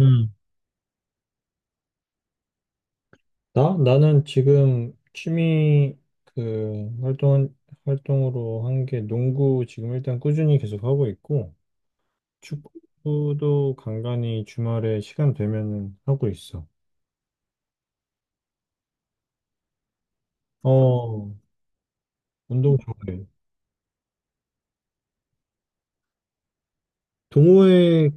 음. 나? 나는 지금 취미 그 활동으로 한 게 농구 지금 일단 꾸준히 계속 하고 있고, 축구도 간간히 주말에 시간 되면은 하고 있어. 어, 운동 좋아해. 동호회,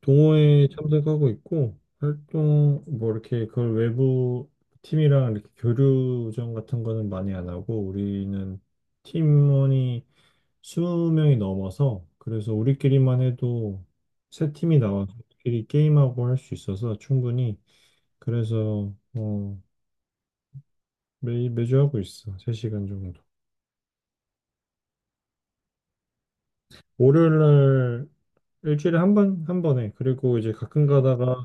동호회 참석하고 있고, 활동, 뭐 이렇게 그걸 외부 팀이랑 이렇게 교류전 같은 거는 많이 안 하고, 우리는 팀원이 20명이 넘어서 그래서 우리끼리만 해도 세 팀이 나와서 우리끼리 게임하고 할 수 있어서 충분히 그래서 매주 하고 있어. 3시간 정도. 월요일 날 일주일에 한 번, 한 번에. 그리고 이제 가끔 가다가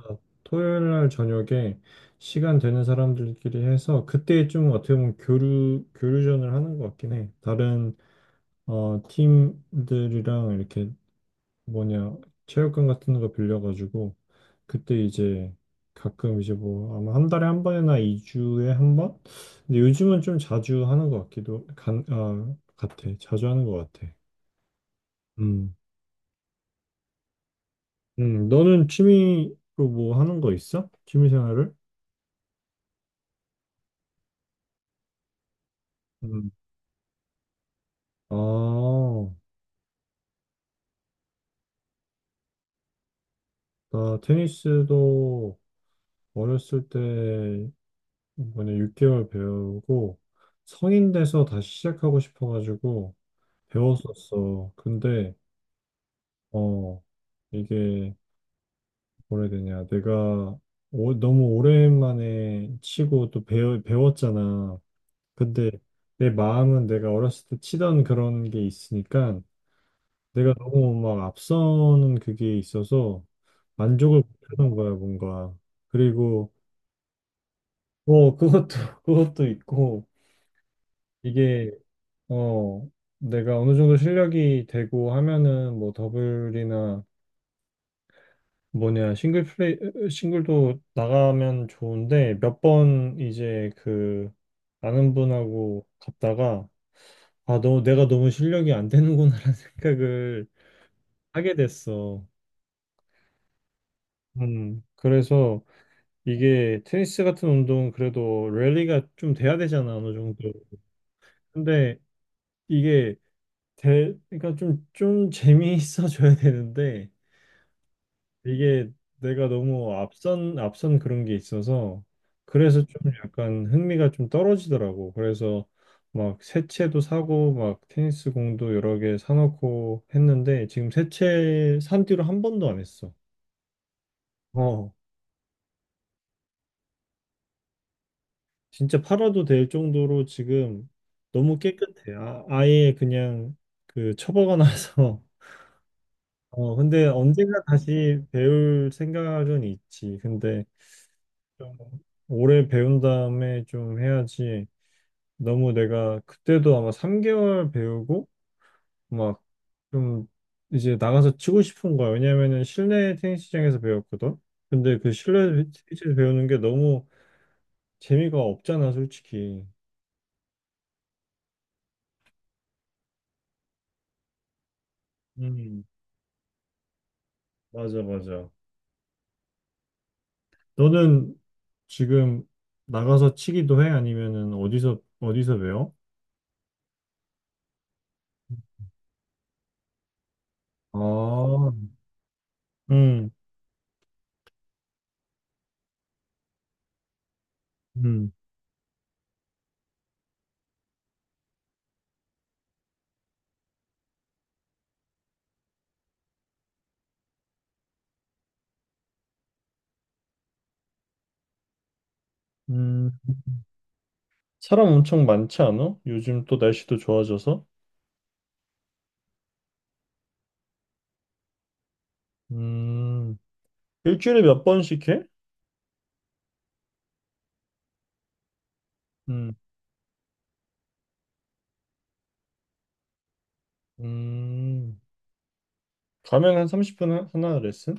토요일 날 저녁에 시간 되는 사람들끼리 해서 그때 좀 어떻게 보면 교류전을 하는 것 같긴 해. 다른, 팀들이랑 이렇게 뭐냐 체육관 같은 거 빌려가지고 그때 이제 가끔 이제 뭐 아마 한 달에 한 번이나 2주에 한 번? 근데 요즘은 좀 자주 하는 것 같기도 같아. 자주 하는 것 같아. 음. 너는 취미로 뭐 하는 거 있어? 취미 생활을? 음. 아, 나 테니스도 어렸을 때 이번에 6개월 배우고 성인 돼서 다시 시작하고 싶어가지고 배웠었어. 근데 어, 이게 뭐라 해야 되냐. 내가 너무 오랜만에 치고 또 배웠잖아. 근데 내 마음은 내가 어렸을 때 치던 그런 게 있으니까 내가 너무 막 앞서는 그게 있어서 만족을 못하는 거야, 뭔가. 그리고 뭐 그것도 그것도 있고 이게 어 내가 어느 정도 실력이 되고 하면은 뭐 더블이나 뭐냐 싱글도 나가면 좋은데 몇 번 이제 그 아는 분하고 갔다가 아 너 내가 너무 실력이 안 되는구나라는 생각을 하게 됐어. 그래서 이게 테니스 같은 운동은 그래도 랠리가 좀 돼야 되잖아 어느 정도. 근데 이게 대 그러니까 좀 재미있어 져야 되는데 이게 내가 너무 앞선 그런 게 있어서 그래서 좀 약간 흥미가 좀 떨어지더라고. 그래서 막 새채도 사고 막 테니스 공도 여러 개 사놓고 했는데 지금 새채 산 뒤로 한 번도 안 했어. 어, 진짜 팔아도 될 정도로 지금 너무 깨끗해. 아, 아예 그냥 그 처박아 놔서. 어, 근데 언젠가 다시 배울 생각은 있지. 근데 좀 오래 배운 다음에 좀 해야지. 너무 내가 그때도 아마 3개월 배우고 막 좀 이제 나가서 치고 싶은 거야. 왜냐면은 실내 테니스장에서 배웠거든. 근데 그 실내 테니스에서 배우는 게 너무 재미가 없잖아, 솔직히. 음, 맞아, 맞아. 너는 지금 나가서 치기도 해? 아니면은 어디서 배워? 아, 음, 음, 음. 사람 엄청 많지 않아? 요즘 또 날씨도 좋아져서. 음, 일주일에 몇 번씩 해? 음, 가면 한 30분 하나 레슨?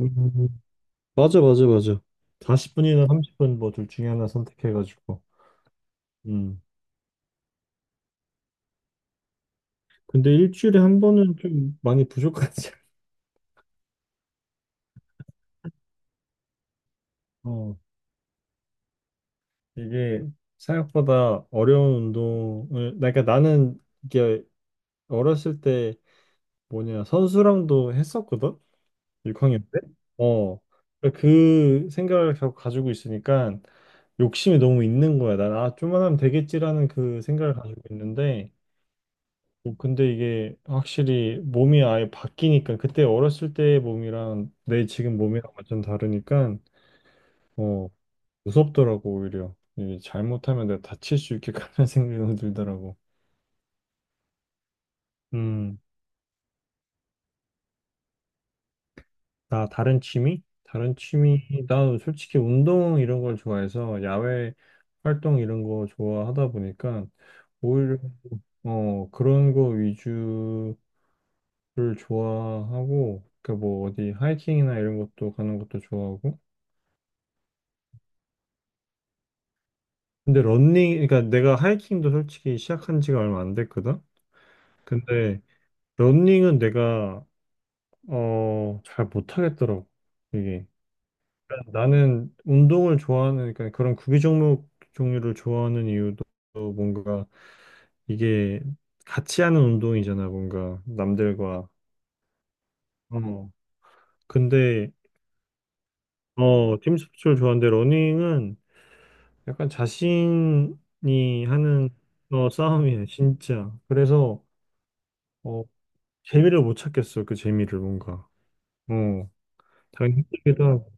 음, 맞아, 맞아, 맞아. 40분이나 30분 뭐 둘 중에 하나 선택해가지고. 음, 근데 일주일에 한 번은 좀 많이 부족하지. 어, 이게 생각보다 어려운 운동을, 그러니까 나는 이게 어렸을 때 뭐냐, 선수랑도 했었거든? 6학년 때? 어. 그러니까 그 생각을 계속 가지고 있으니까 욕심이 너무 있는 거야. 난, 좀만 하면 되겠지라는 그 생각을 가지고 있는데, 어, 근데 이게 확실히 몸이 아예 바뀌니까, 그때 어렸을 때의 몸이랑 내 지금 몸이랑 완전 다르니까, 어, 무섭더라고, 오히려. 이게 잘못하면 내가 다칠 수 있겠구나 생각이 들더라고. 음. 나 다른 취미? 다른 취미, 나 솔직히 운동 이런 걸 좋아해서 야외 활동 이런 거 좋아하다 보니까 오히려 그런 거 위주를 좋아하고 그러니까 뭐 어디 하이킹이나 이런 것도 가는 것도 좋아하고 근데 러닝 그러니까 내가 하이킹도 솔직히 시작한 지가 얼마 안 됐거든. 근데 러닝은 내가 잘 못하겠더라고 이게. 나는 운동을 좋아하는, 그러니까 그런 구기 종목 종류를 좋아하는 이유도 뭔가 이게 같이 하는 운동이잖아, 뭔가 남들과. 어. 근데, 팀 스포츠를 좋아하는데 러닝은 약간 자신이 하는 싸움이야, 진짜. 그래서, 어, 재미를 못 찾겠어, 그 재미를 뭔가. 어, 당연히 힘들기도 하고.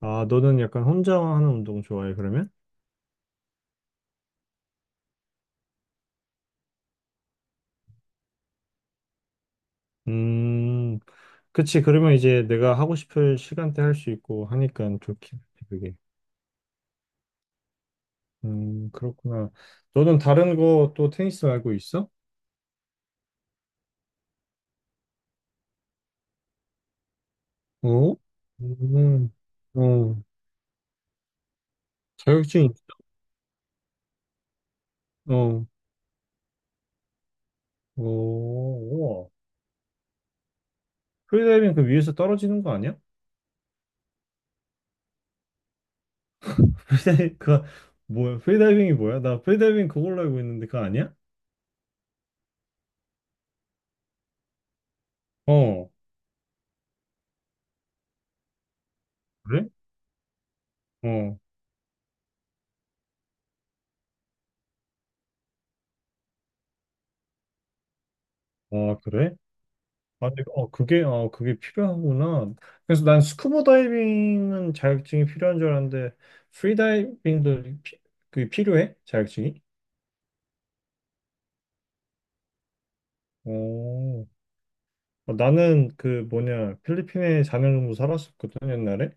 아, 너는 약간 혼자 하는 운동 좋아해, 그러면? 음. 그치, 그러면 이제 내가 하고 싶을 시간대 할 수 있고 하니까 좋긴 해, 그게. 그렇구나. 너는 다른 거 또 테니스 알고 있어? 어? 음, 어, 자격증, 있- 어, 어, 우와. 프리다이빙 그 위에서 떨어지는 거 아니야? 프리다이빙, 그, 뭐야, 프리다이빙이 뭐야? 나 프리다이빙 그걸로 알고 있는데 그거 아니야? 어, 그래? 어, 아, 그래? 아, 근데 그게 필요하구나. 그래서 난 스쿠버 다이빙은 자격증이 필요한 줄 알았는데, 프리다이빙도 그게 필요해? 자격증이? 오. 어, 나는 그 뭐냐, 필리핀에 4년 정도 살았었거든, 옛날에.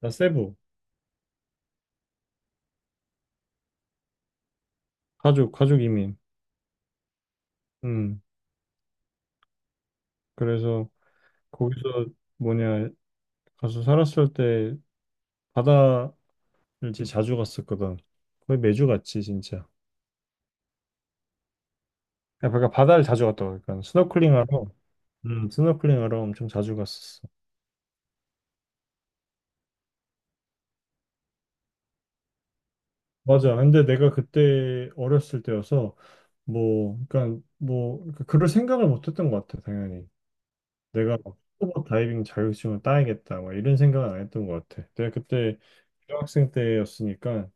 나 세부, 가족 이민. 음, 그래서 거기서 뭐냐, 가서 살았을 때 바다를 진짜 자주 갔었거든. 거의 매주 갔지, 진짜. 그러니까 바다를 자주 갔다 고 그러니까 스노클링 하러 엄청 자주 갔었어. 맞아. 근데 내가 그때 어렸을 때여서 뭐, 그러니까 그럴 생각을 못했던 것 같아. 당연히 내가 막 스쿠버 다이빙 자격증을 따야겠다, 막 이런 생각은 안 했던 것 같아. 내가 그때 중학생 때였으니까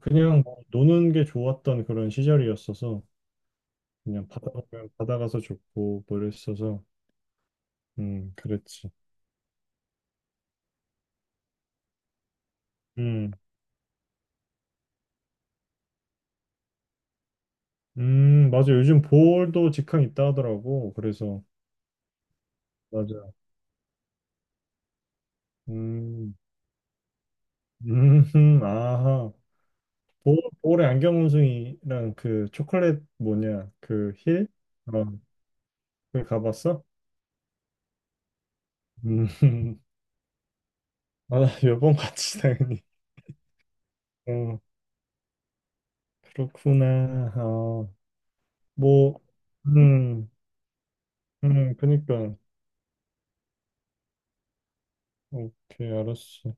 그냥 뭐 노는 게 좋았던 그런 시절이었어서 그냥 바다 가면 바다 가서 좋고 뭐 이랬어서 그랬지. 음, 맞아. 요즘 볼도 직항 있다 하더라고. 그래서 맞아. 음. 음, 아하. 보, 볼에 안경 운송이랑 그 초콜릿 뭐냐, 그 힐? 어, 거기 가봤어? 음, 아, 몇 번 갔지, 당연히. 어, 그렇구나. 어, 뭐, 음, 그니까. 오케이, 알았어.